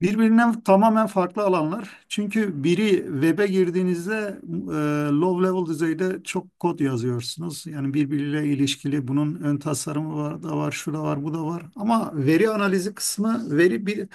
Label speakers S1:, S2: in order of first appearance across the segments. S1: Birbirinden tamamen farklı alanlar. Çünkü biri web'e girdiğinizde low level düzeyde çok kod yazıyorsunuz. Yani birbiriyle ilişkili bunun ön tasarımı var da var, şu da var, bu da var. Ama veri analizi kısmı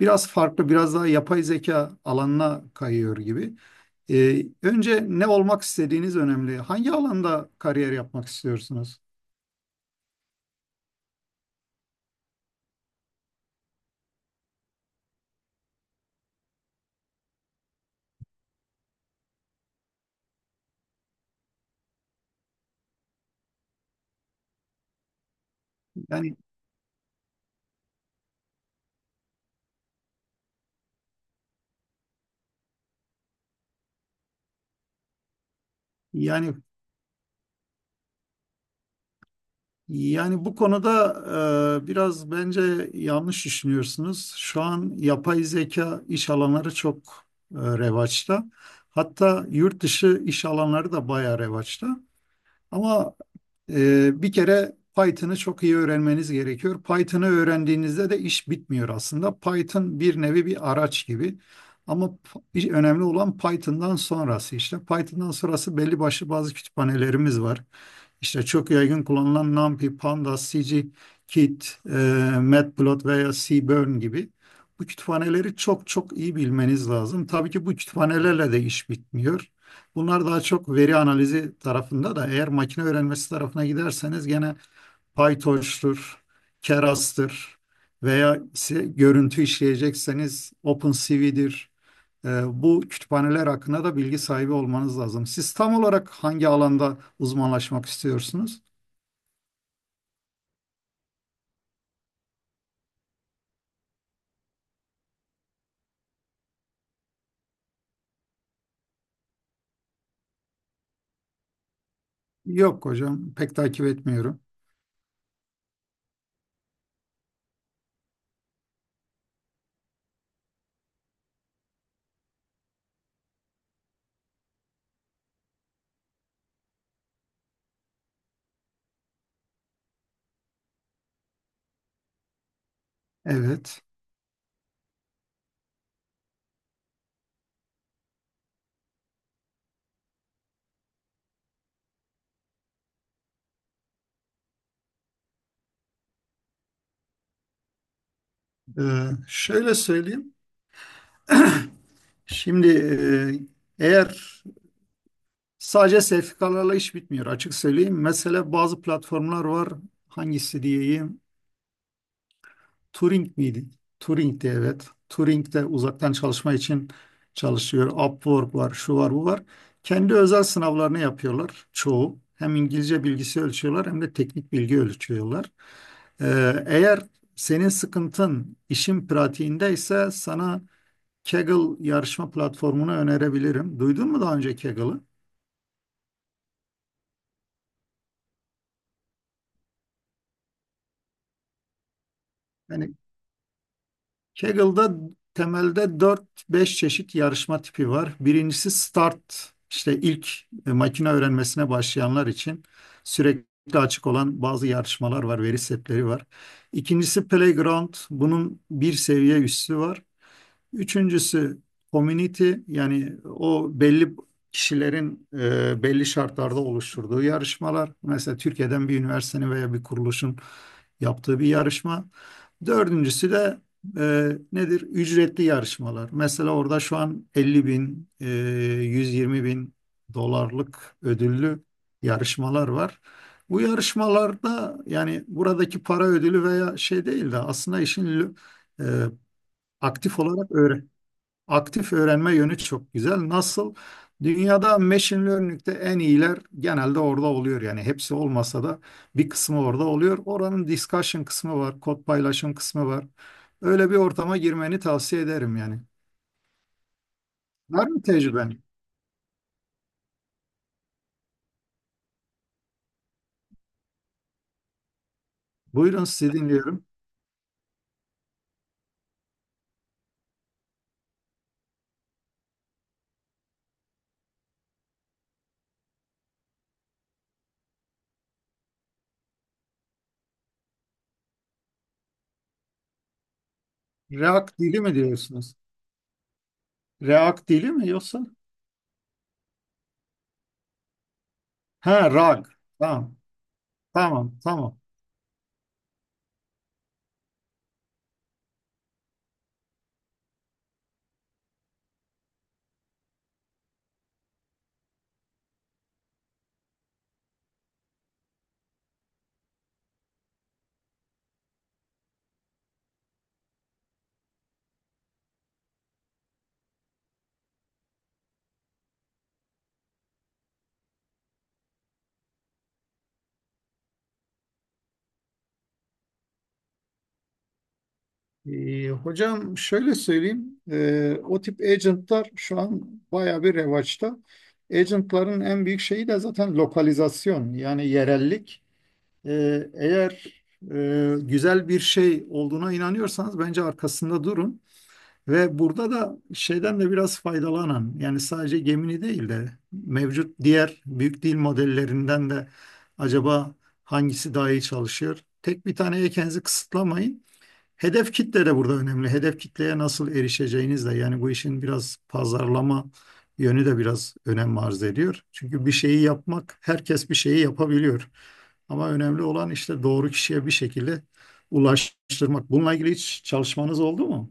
S1: biraz farklı, biraz daha yapay zeka alanına kayıyor gibi. Önce ne olmak istediğiniz önemli. Hangi alanda kariyer yapmak istiyorsunuz? Yani yani Yani bu konuda biraz bence yanlış düşünüyorsunuz. Şu an yapay zeka iş alanları çok revaçta. Hatta yurt dışı iş alanları da bayağı revaçta. Ama bir kere Python'ı çok iyi öğrenmeniz gerekiyor. Python'ı öğrendiğinizde de iş bitmiyor aslında. Python bir nevi bir araç gibi. Ama önemli olan Python'dan sonrası işte. Python'dan sonrası belli başlı bazı kütüphanelerimiz var. İşte çok yaygın kullanılan NumPy, Pandas, scikit, Matplotlib veya Seaborn gibi bu kütüphaneleri çok çok iyi bilmeniz lazım. Tabii ki bu kütüphanelerle de iş bitmiyor. Bunlar daha çok veri analizi tarafında da eğer makine öğrenmesi tarafına giderseniz gene PyTorch'tur, Keras'tır veya ise görüntü işleyecekseniz OpenCV'dir. Bu kütüphaneler hakkında da bilgi sahibi olmanız lazım. Siz tam olarak hangi alanda uzmanlaşmak istiyorsunuz? Yok hocam, pek takip etmiyorum. Evet. Ee, şöyle söyleyeyim. Şimdi eğer sadece sertifikalarla iş bitmiyor, açık söyleyeyim. Mesela bazı platformlar var. Hangisi diyeyim? Turing miydi? Turing'di, evet. Turing de uzaktan çalışma için çalışıyor. Upwork var, şu var, bu var. Kendi özel sınavlarını yapıyorlar çoğu. Hem İngilizce bilgisi ölçüyorlar hem de teknik bilgi ölçüyorlar. Eğer senin sıkıntın işin pratiğindeyse sana Kaggle yarışma platformunu önerebilirim. Duydun mu daha önce Kaggle'ı? Yani Kaggle'da temelde dört beş çeşit yarışma tipi var. Birincisi start, işte ilk makine öğrenmesine başlayanlar için sürekli açık olan bazı yarışmalar var, veri setleri var. İkincisi playground, bunun bir seviye üstü var. Üçüncüsü community, yani o belli kişilerin belli şartlarda oluşturduğu yarışmalar. Mesela Türkiye'den bir üniversitenin veya bir kuruluşun yaptığı bir yarışma. Dördüncüsü de nedir? Ücretli yarışmalar. Mesela orada şu an 50.000, 120 bin dolarlık ödüllü yarışmalar var. Bu yarışmalarda yani buradaki para ödülü veya şey değil de aslında işin e, aktif olarak öğre aktif öğrenme yönü çok güzel. Nasıl? Dünyada machine learning'de en iyiler genelde orada oluyor. Yani hepsi olmasa da bir kısmı orada oluyor. Oranın discussion kısmı var, kod paylaşım kısmı var. Öyle bir ortama girmeni tavsiye ederim yani. Var mı tecrüben? Buyurun, sizi dinliyorum. React dili mi diyorsunuz? React dili mi, yoksa? Ha, Rag. Tamam, tamam, tamam. Hocam, şöyle söyleyeyim. O tip agentlar şu an bayağı bir revaçta. Agentların en büyük şeyi de zaten lokalizasyon, yani yerellik. Eğer güzel bir şey olduğuna inanıyorsanız bence arkasında durun. Ve burada da şeyden de biraz faydalanan, yani sadece Gemini değil de mevcut diğer büyük dil modellerinden de acaba hangisi daha iyi çalışıyor? Tek bir taneye kendinizi kısıtlamayın. Hedef kitle de burada önemli. Hedef kitleye nasıl erişeceğiniz de yani bu işin biraz pazarlama yönü de biraz önem arz ediyor. Çünkü bir şeyi yapmak, herkes bir şeyi yapabiliyor. Ama önemli olan işte doğru kişiye bir şekilde ulaştırmak. Bununla ilgili hiç çalışmanız oldu mu?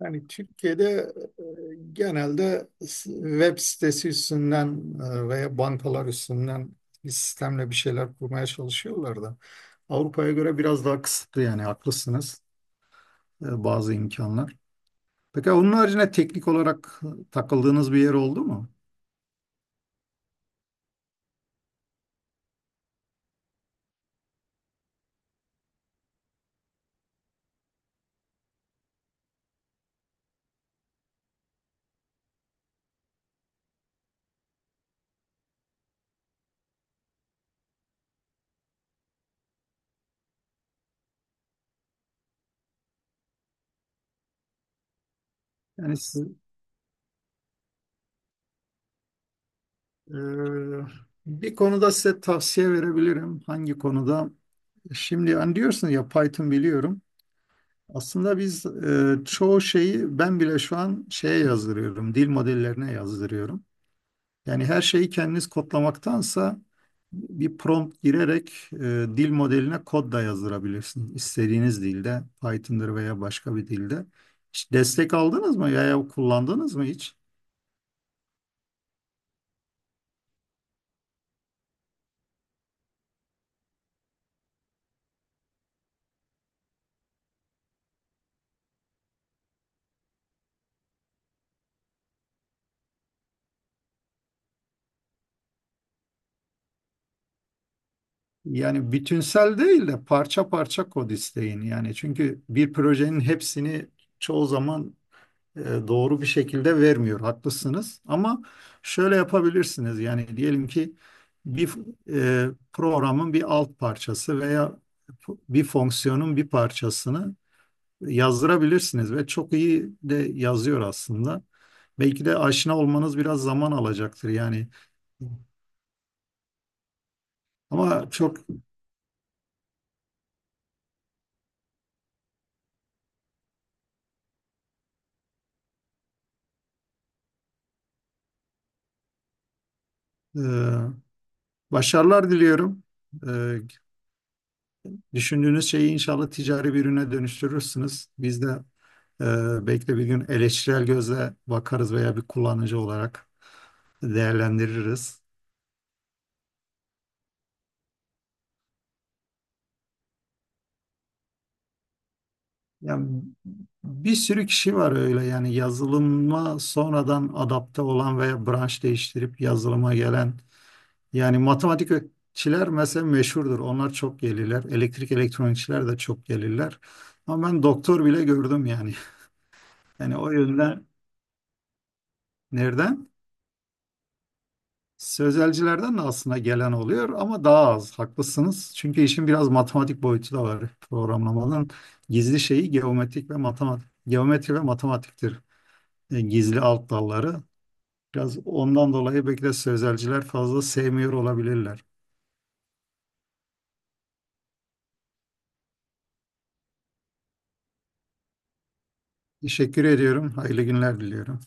S1: Yani Türkiye'de e, genelde web sitesi üstünden veya bankalar üstünden bir sistemle bir şeyler kurmaya çalışıyorlar da. Avrupa'ya göre biraz daha kısıtlı, yani haklısınız. Bazı imkanlar. Peki onun haricinde teknik olarak takıldığınız bir yer oldu mu? Yani siz, e, bir konuda size tavsiye verebilirim. Hangi konuda? Şimdi hani diyorsun ya, Python biliyorum. Aslında biz çoğu şeyi ben bile şu an şeye yazdırıyorum. Dil modellerine yazdırıyorum. Yani her şeyi kendiniz kodlamaktansa bir prompt girerek dil modeline kod da yazdırabilirsiniz. İstediğiniz dilde, Python'dır veya başka bir dilde. Hiç destek aldınız mı veya kullandınız mı hiç? Yani bütünsel değil de parça parça kod isteyin. Yani çünkü bir projenin hepsini çoğu zaman e, doğru bir şekilde vermiyor. Haklısınız. Ama şöyle yapabilirsiniz. Yani diyelim ki bir programın bir alt parçası veya bir fonksiyonun bir parçasını yazdırabilirsiniz ve çok iyi de yazıyor aslında. Belki de aşina olmanız biraz zaman alacaktır. Yani, ama çok. E, başarılar diliyorum. E, düşündüğünüz şeyi inşallah ticari bir ürüne dönüştürürsünüz. Biz de Belki de bir gün eleştirel gözle bakarız veya bir kullanıcı olarak değerlendiririz. Yani bir sürü kişi var öyle, yani yazılıma sonradan adapte olan veya branş değiştirip yazılıma gelen. Yani matematikçiler mesela meşhurdur. Onlar çok gelirler. Elektrik elektronikçiler de çok gelirler. Ama ben doktor bile gördüm yani. Yani o yüzden nereden? Sözelcilerden de aslında gelen oluyor ama daha az. Haklısınız. Çünkü işin biraz matematik boyutu da var. Programlamanın gizli şeyi geometrik ve matematik, geometri ve matematiktir. Gizli alt dalları. Biraz ondan dolayı belki de sözelciler fazla sevmiyor olabilirler. Teşekkür ediyorum. Hayırlı günler diliyorum.